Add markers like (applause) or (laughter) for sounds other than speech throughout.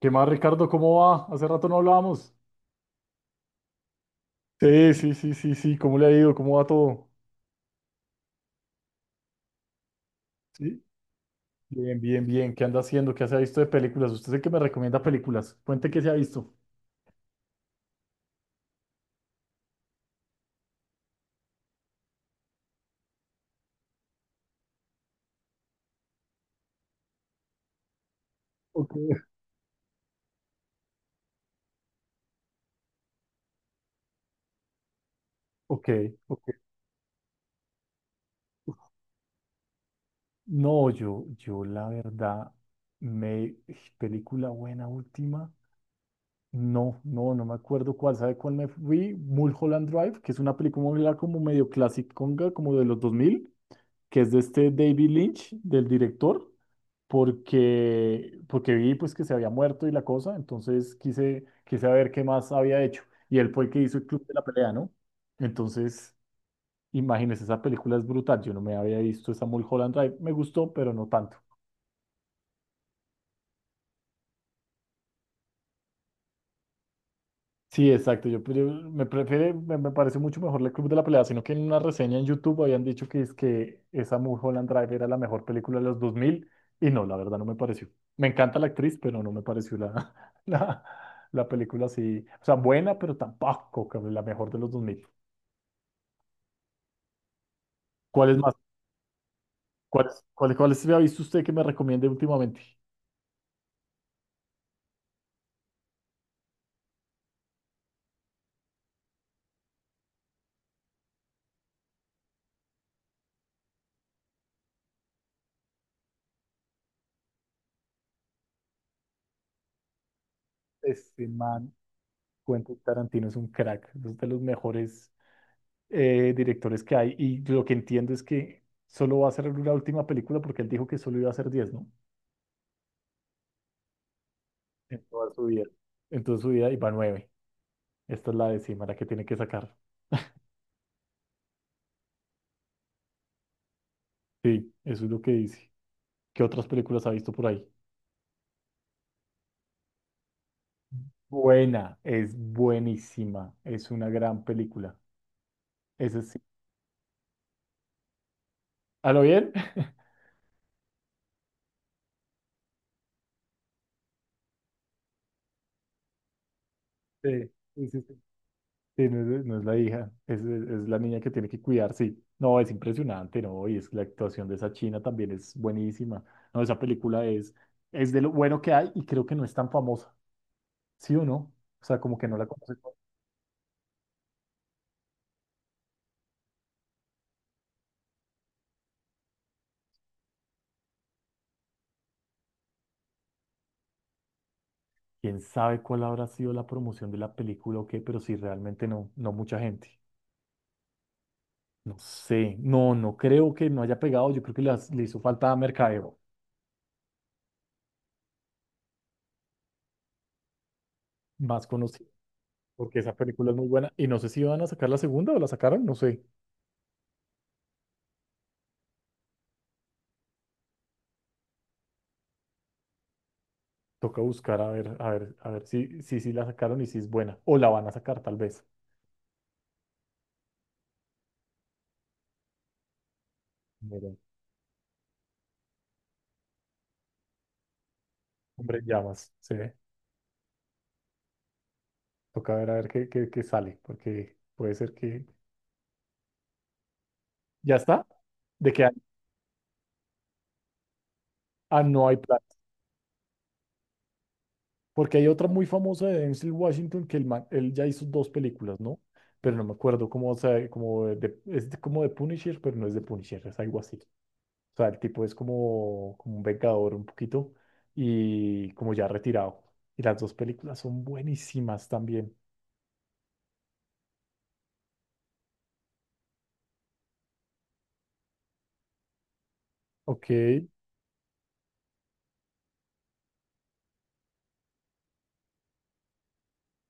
¿Qué más, Ricardo? ¿Cómo va? Hace rato no hablábamos. Sí, sí, sí, sí, sí. ¿Cómo le ha ido? ¿Cómo va todo? Sí. Bien, bien, bien. ¿Qué anda haciendo? ¿Qué se ha visto de películas? Usted es el que me recomienda películas. Cuente qué se ha visto. Ok, ok, ok. No, yo la verdad, me... Película buena última. No, no, no me acuerdo cuál. ¿Sabe cuál me fui? Mulholland Drive, que es una película como medio clásica, como de los 2000, que es de este David Lynch, del director. Porque vi pues que se había muerto y la cosa, entonces quise ver qué más había hecho. Y él fue el que hizo el Club de la Pelea, ¿no? Entonces, imagínense, esa película es brutal. Yo no me había visto esa Mulholland Drive. Me gustó, pero no tanto. Sí, exacto. Yo, pues, me parece mucho mejor el Club de la Pelea, sino que en una reseña en YouTube habían dicho que es que esa Mulholland Drive era la mejor película de los 2000 y no, la verdad no me pareció. Me encanta la actriz, pero no me pareció la, (laughs) la película así, o sea, buena, pero tampoco que la mejor de los 2000. ¿Cuál es más? ¿Cuál, cuál se ha visto usted que me recomiende últimamente? Este man, Quentin Tarantino es un crack, es de los mejores directores que hay. Y lo que entiendo es que solo va a ser una última película porque él dijo que solo iba a hacer 10, ¿no? En toda su vida. En toda su vida iba nueve. Esta es la décima, la que tiene que sacar. Sí, eso es lo que dice. ¿Qué otras películas ha visto por ahí? Buena, es buenísima. Es una gran película. Ese sí. ¿A lo bien? (laughs) Sí, sí, sí, sí, no es la hija, es la niña que tiene que cuidar, sí. No, es impresionante, ¿no? Y es que la actuación de esa china también es buenísima. No, esa película es de lo bueno que hay y creo que no es tan famosa, ¿sí o no? O sea, como que no la conoce. Quién sabe cuál habrá sido la promoción de la película o qué, pero sí, realmente no mucha gente. No sé, no creo que no haya pegado. Yo creo que le hizo falta a mercadeo más conocido, porque esa película es muy buena. Y no sé si van a sacar la segunda o la sacaron, no sé. Toca buscar a ver, a ver, a ver si, si la sacaron y si es buena. O la van a sacar tal vez. Mira, Hombre, en llamas, sí. Toca ver a ver qué, qué sale, porque puede ser que... ¿Ya está? ¿De que Ah, no hay plata. Porque hay otra muy famosa de Denzel Washington que él ya hizo dos películas, ¿no? Pero no me acuerdo cómo, o sea, como de, como de Punisher, pero no es de Punisher, es algo así. O sea, el tipo es como un vengador un poquito y como ya retirado. Y las dos películas son buenísimas también. Ok,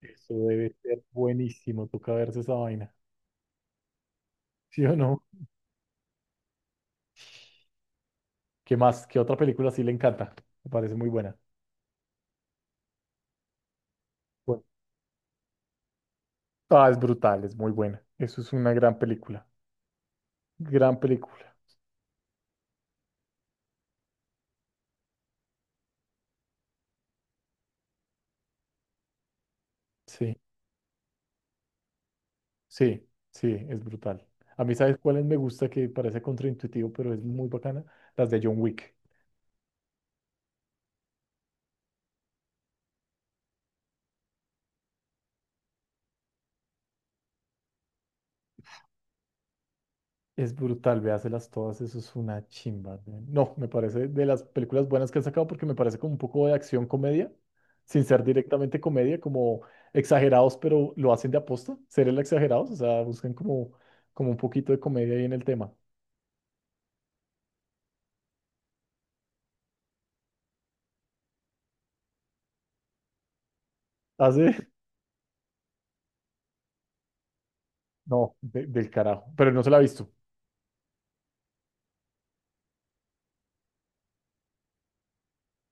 eso debe ser buenísimo. Toca verse esa vaina. (laughs) ¿Sí o no? ¿Qué más? ¿Qué otra película sí le encanta? Me parece muy buena. Bueno. Ah, es brutal, es muy buena. Eso es una gran película. Gran película. Sí, sí, sí, es brutal. A mí, ¿sabes cuáles me gusta que parece contraintuitivo, pero es muy bacana? Las de John Wick. Es brutal, véaselas todas, eso es una chimba, ¿eh? No, me parece de las películas buenas que han sacado porque me parece como un poco de acción comedia, sin ser directamente comedia, como exagerados, pero lo hacen de aposta, ser el exagerados, o sea, buscan como, como un poquito de comedia ahí en el tema. Hace, (laughs) no, del carajo, pero no se la ha visto.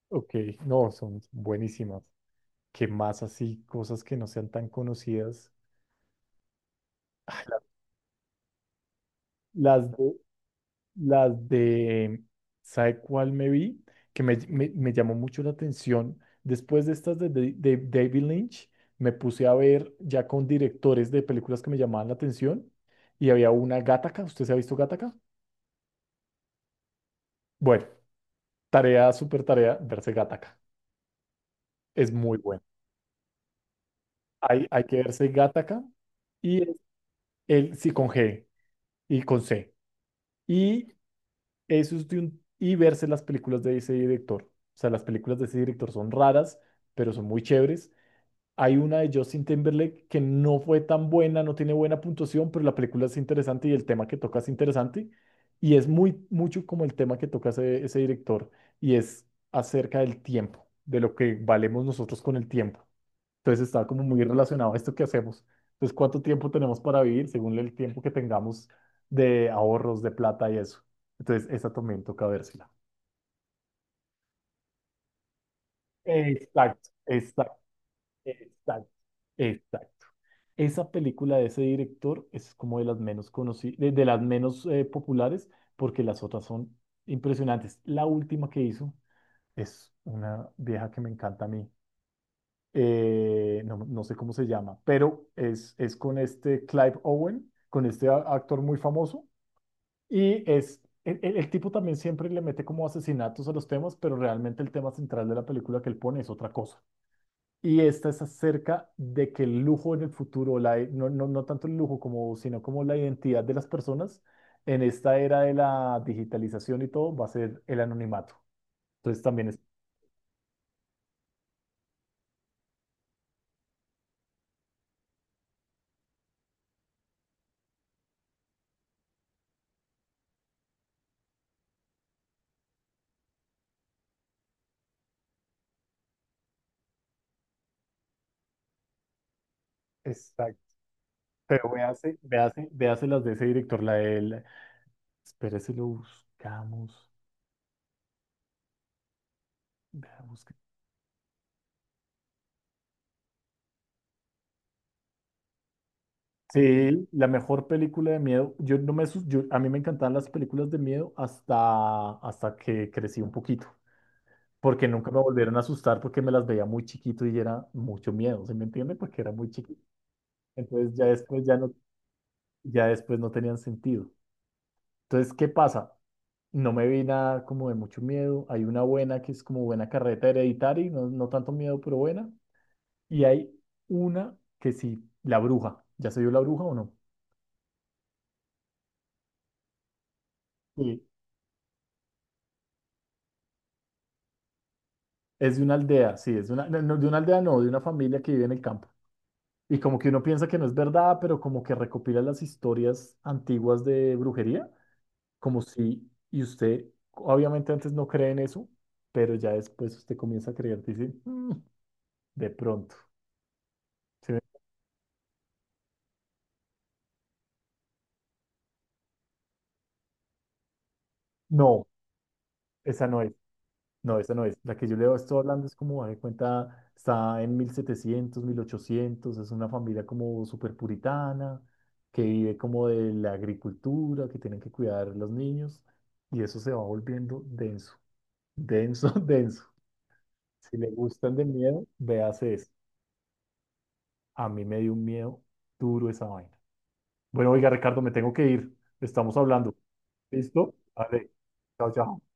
Ok, no, son buenísimas. ¿Qué más así? Cosas que no sean tan conocidas. Las de Las de, ¿sabe cuál me vi? Que me llamó mucho la atención. Después de estas de David Lynch, me puse a ver ya con directores de películas que me llamaban la atención. Y había una Gattaca. ¿Usted se ha visto Gattaca? Bueno, tarea, súper tarea, verse Gattaca. Es muy bueno. Hay que verse Gattaca y el, sí con G y con C. Y eso es de un, y verse las películas de ese director. O sea, las películas de ese director son raras pero son muy chéveres. Hay una de Justin Timberlake que no fue tan buena, no tiene buena puntuación, pero la película es interesante y el tema que toca es interesante. Y es muy, mucho como el tema que toca ese director y es acerca del tiempo, de lo que valemos nosotros con el tiempo. Entonces está como muy relacionado a esto que hacemos. Entonces, ¿cuánto tiempo tenemos para vivir según el tiempo que tengamos de ahorros, de plata y eso? Entonces, esa también toca vérsela. Exacto, exacto. Exacto, exacto. Esa película de ese director es como de las menos conocidas, de las menos populares, porque las otras son impresionantes. La última que hizo es una vieja que me encanta a mí. No, no sé cómo se llama, pero es con este Clive Owen, con este actor muy famoso. Y es, el tipo también siempre le mete como asesinatos a los temas, pero realmente el tema central de la película que él pone es otra cosa. Y esta es acerca de que el lujo en el futuro, la, no, no, no tanto el lujo como, sino como la identidad de las personas en esta era de la digitalización y todo va a ser el anonimato. Entonces también es... Exacto. Pero véase, véase, véase las de ese director, la del... Espérese, lo buscamos. Vea. Sí, la mejor película de miedo. Yo no me, yo, a mí me encantaban las películas de miedo hasta que crecí un poquito, porque nunca me volvieron a asustar porque me las veía muy chiquito y era mucho miedo, ¿se me entiende? Porque era muy chiquito. Entonces ya después ya no, ya después no tenían sentido. Entonces, ¿qué pasa? No me vi nada como de mucho miedo. Hay una buena que es como buena carreta hereditaria, no, no tanto miedo, pero buena. Y hay una que sí, la bruja. ¿Ya se vio la bruja o no? Sí. Es de una aldea, sí, es de una, no, no, de una aldea, no, de una familia que vive en el campo. Y como que uno piensa que no es verdad, pero como que recopila las historias antiguas de brujería. Como si, y usted obviamente antes no cree en eso, pero ya después usted comienza a creer, dice, "Mm, de pronto, ¿sí ve?" No, esa no es, no, esa no es. La que yo le estoy hablando es como, de cuenta, está en 1700, 1800, es una familia como súper puritana, que vive como de la agricultura, que tienen que cuidar los niños, y eso se va volviendo denso, denso, (laughs) denso. Si le gustan de miedo, véase eso. A mí me dio un miedo duro esa vaina. Bueno, oiga, Ricardo, me tengo que ir. Estamos hablando. ¿Listo? Vale. Chao, chao.